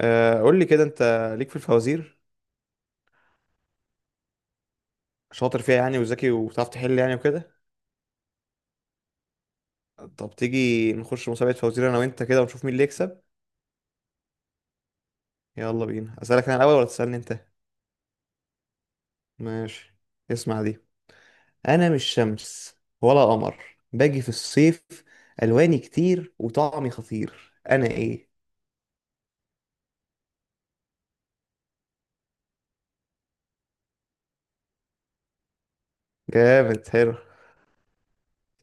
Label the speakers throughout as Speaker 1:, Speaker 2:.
Speaker 1: قول لي كده انت ليك في الفوازير، شاطر فيها يعني وذكي وبتعرف تحل يعني وكده. طب تيجي نخش مسابقة فوازير انا وانت كده ونشوف مين اللي يكسب. يلا بينا. اسالك انا الاول ولا تسالني انت؟ ماشي، اسمع دي. انا مش شمس ولا قمر، باجي في الصيف، الواني كتير وطعمي خطير، انا ايه؟ جامد، حلو.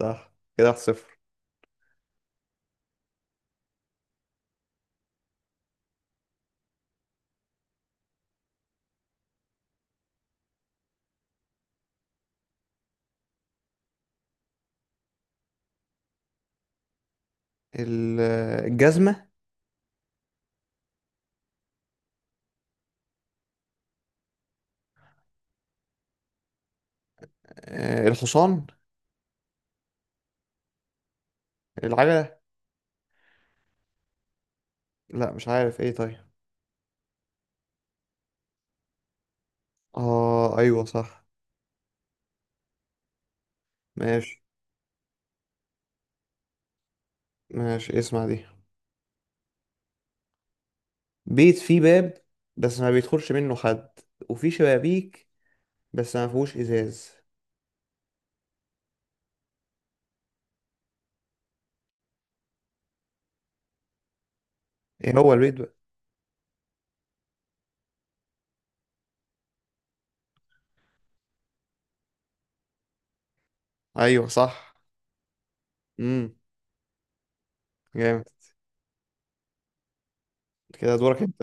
Speaker 1: صح، كده 1-0. ال- الجزمة. الحصان. العجلة. لا مش عارف ايه، طيب. اه ايوه صح. ماشي ماشي. اسمع دي. بيت فيه باب بس ما بيدخلش منه حد، وفيه شبابيك بس ما فيهوش ازاز، ايه هو البيت بقى؟ ايوه صح. امم. جامد. كده دورك انت.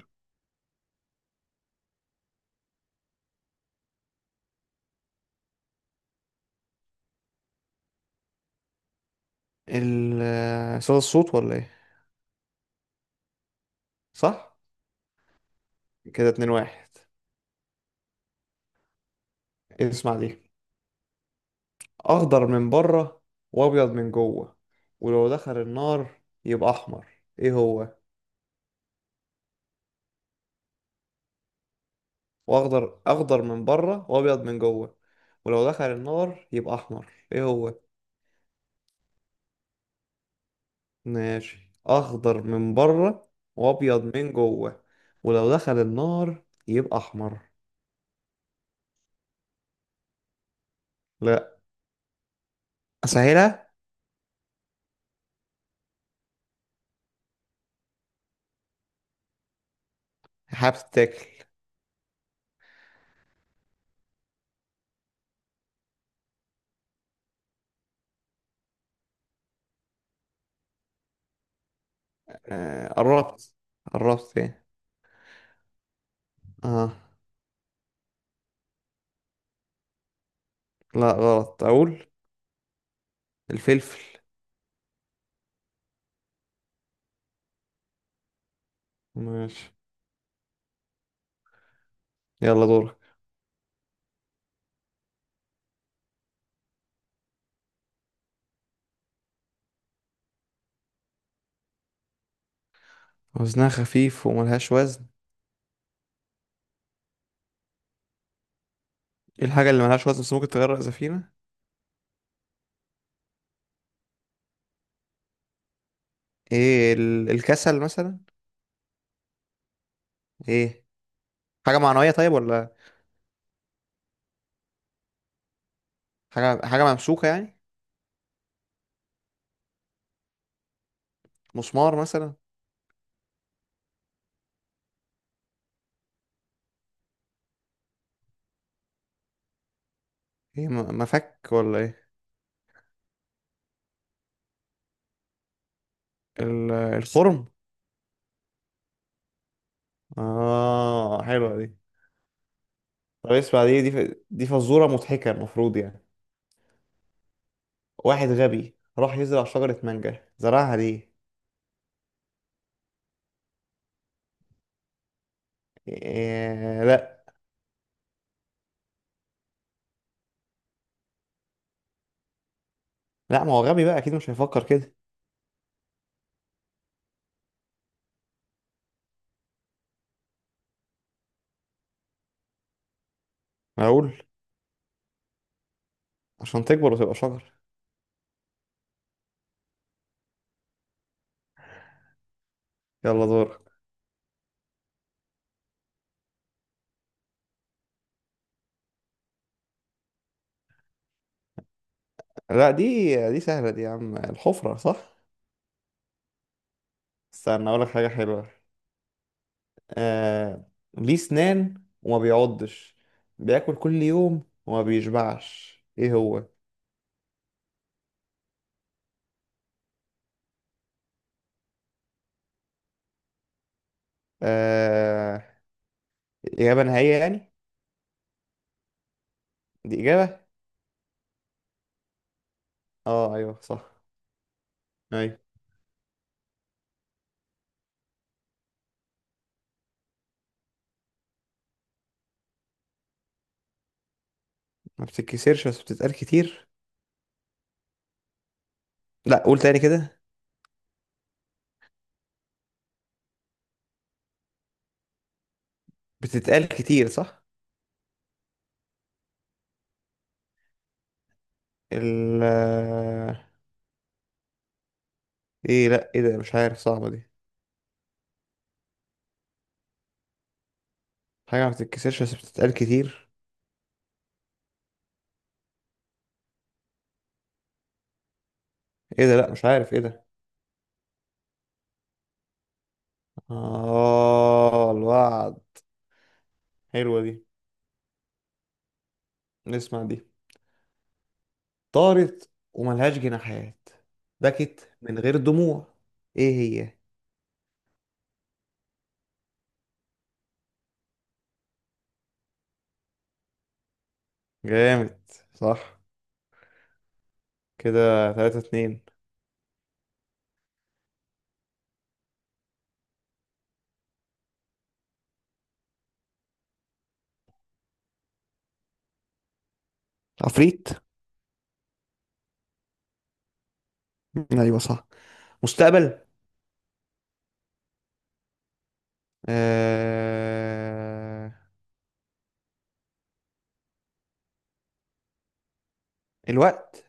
Speaker 1: ال آه، صدى الصوت ولا ايه؟ صح، كده 2-1. اسمع دي. اخضر من بره وابيض من جوه، ولو دخل النار يبقى احمر، ايه هو؟ واخضر من بره وابيض من جوه، ولو دخل النار يبقى احمر، ايه هو؟ ماشي، اخضر من بره وابيض من جوه، ولو دخل النار يبقى احمر. لا، اسهلها. هبتكل. آه قربت. قربت ايه؟ اه. لا غلط، اقول. الفلفل. ماشي. يلا دورك. وزنها خفيف وملهاش وزن؟ ايه الحاجة اللي ملهاش وزن بس ممكن تغرق سفينة؟ ايه الكسل مثلا؟ ايه، حاجة معنوية طيب ولا؟ حاجة ممسوكة يعني؟ مسمار مثلا؟ ايه، مفك ولا ايه؟ الخرم. اه حلوة دي. طب اسمع دي فزورة مضحكة المفروض يعني. واحد غبي راح يزرع شجرة مانجا، زرعها ليه؟ إيه؟ لا. لا، ما هو غبي بقى، أكيد مش هيفكر كده. معقول. عشان تكبر وتبقى شجر. يلا دور. لا دي، دي سهلة دي يا عم، الحفرة صح؟ استنى أقولك حاجة حلوة. آه... ليه سنان وما بيعضش، بياكل كل يوم وما بيشبعش، إيه هو؟ آه... إجابة نهائية يعني؟ دي إجابة؟ اه ايوه صح. ايوه. ما بتتكسرش بس بتتقال كتير؟ لا قول تاني كده. بتتقال كتير، صح. ال، ايه؟ لا، ايه ده؟ مش عارف، صعبة دي. حاجة ما بتتكسرش بس بتتقال كتير. ايه ده؟ لا مش عارف ايه ده. اه، الوعد. حلوة دي. نسمع دي. طارت وملهاش جناحات، بكت من غير دموع، ايه هي؟ جامد. صح. كده 3-2. عفريت. ايوه صح. مستقبل. آه... الوقت.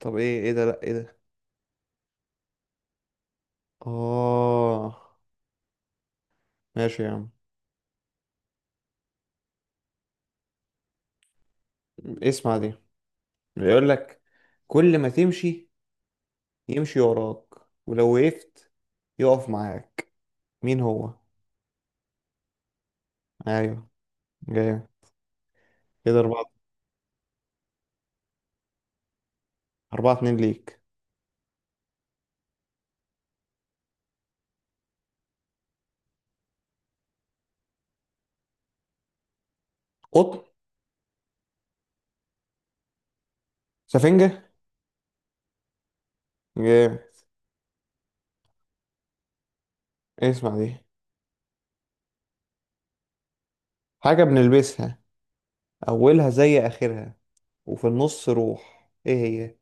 Speaker 1: طب ايه؟ ايه ده؟ لا ايه ده؟ اه ماشي يا عم. اسمع دي. بيقول لك كل ما تمشي يمشي وراك، ولو وقفت يقف معاك، مين هو؟ ايوه. جاي. كده اربعة. 4-2 ليك. قطن. سفنجة. جاي. اسمع دي. حاجة بنلبسها، اولها زي اخرها، وفي النص روح، ايه هي؟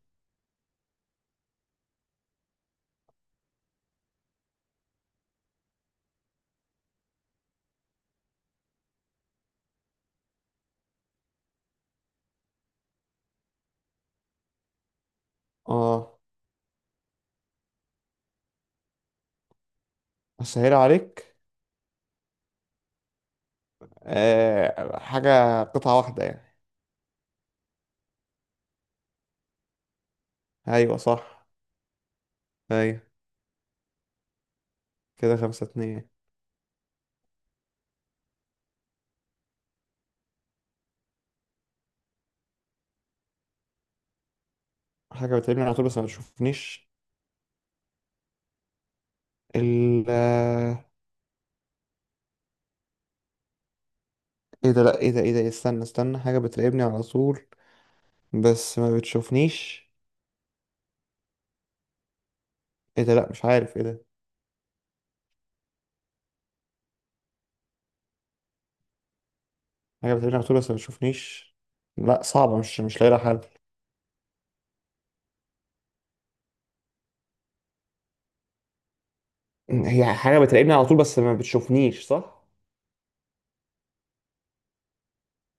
Speaker 1: اه. اسهل عليك؟ حاجة قطعة واحدة يعني. ايوه صح. ايوه. كده 5-2. حاجة بتقابلني على طول بس ما بتشوفنيش؟ ال آه، ايه ده؟ لا ايه ده؟ ايه ده؟ استنى استنى، حاجة بتراقبني على طول بس ما بتشوفنيش. ايه ده؟ لا مش عارف ايه ده. حاجة بتراقبني على طول بس ما بتشوفنيش. لا صعبة، مش لاقي لها حل. هي حاجة بتراقبني على طول بس ما بتشوفنيش، صح؟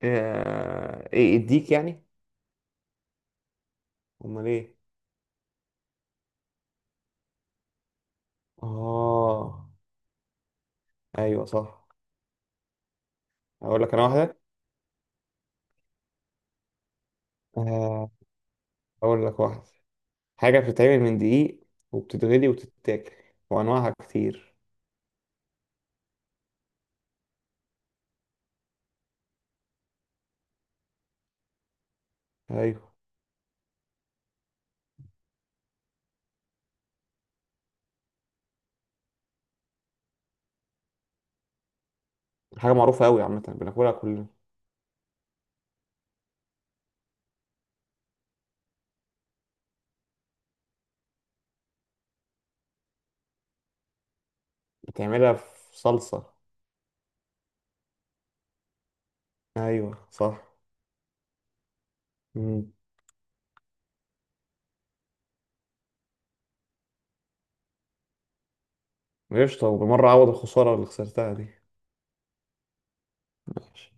Speaker 1: ايه، اديك يعني؟ امال ايه؟ اه ايوه صح. اقول لك انا واحدة. آه، اقول لك واحدة. حاجة بتتعمل من دقيق، وبتتغلي وتتاكل، وأنواعها كتير. أيوة. حاجة معروفة أوي، عامة بناكلها كلنا. بتعملها في صلصة. أيوة صح. مم. قشطة، وبالمرة أعوض الخسارة اللي خسرتها دي. ماشي.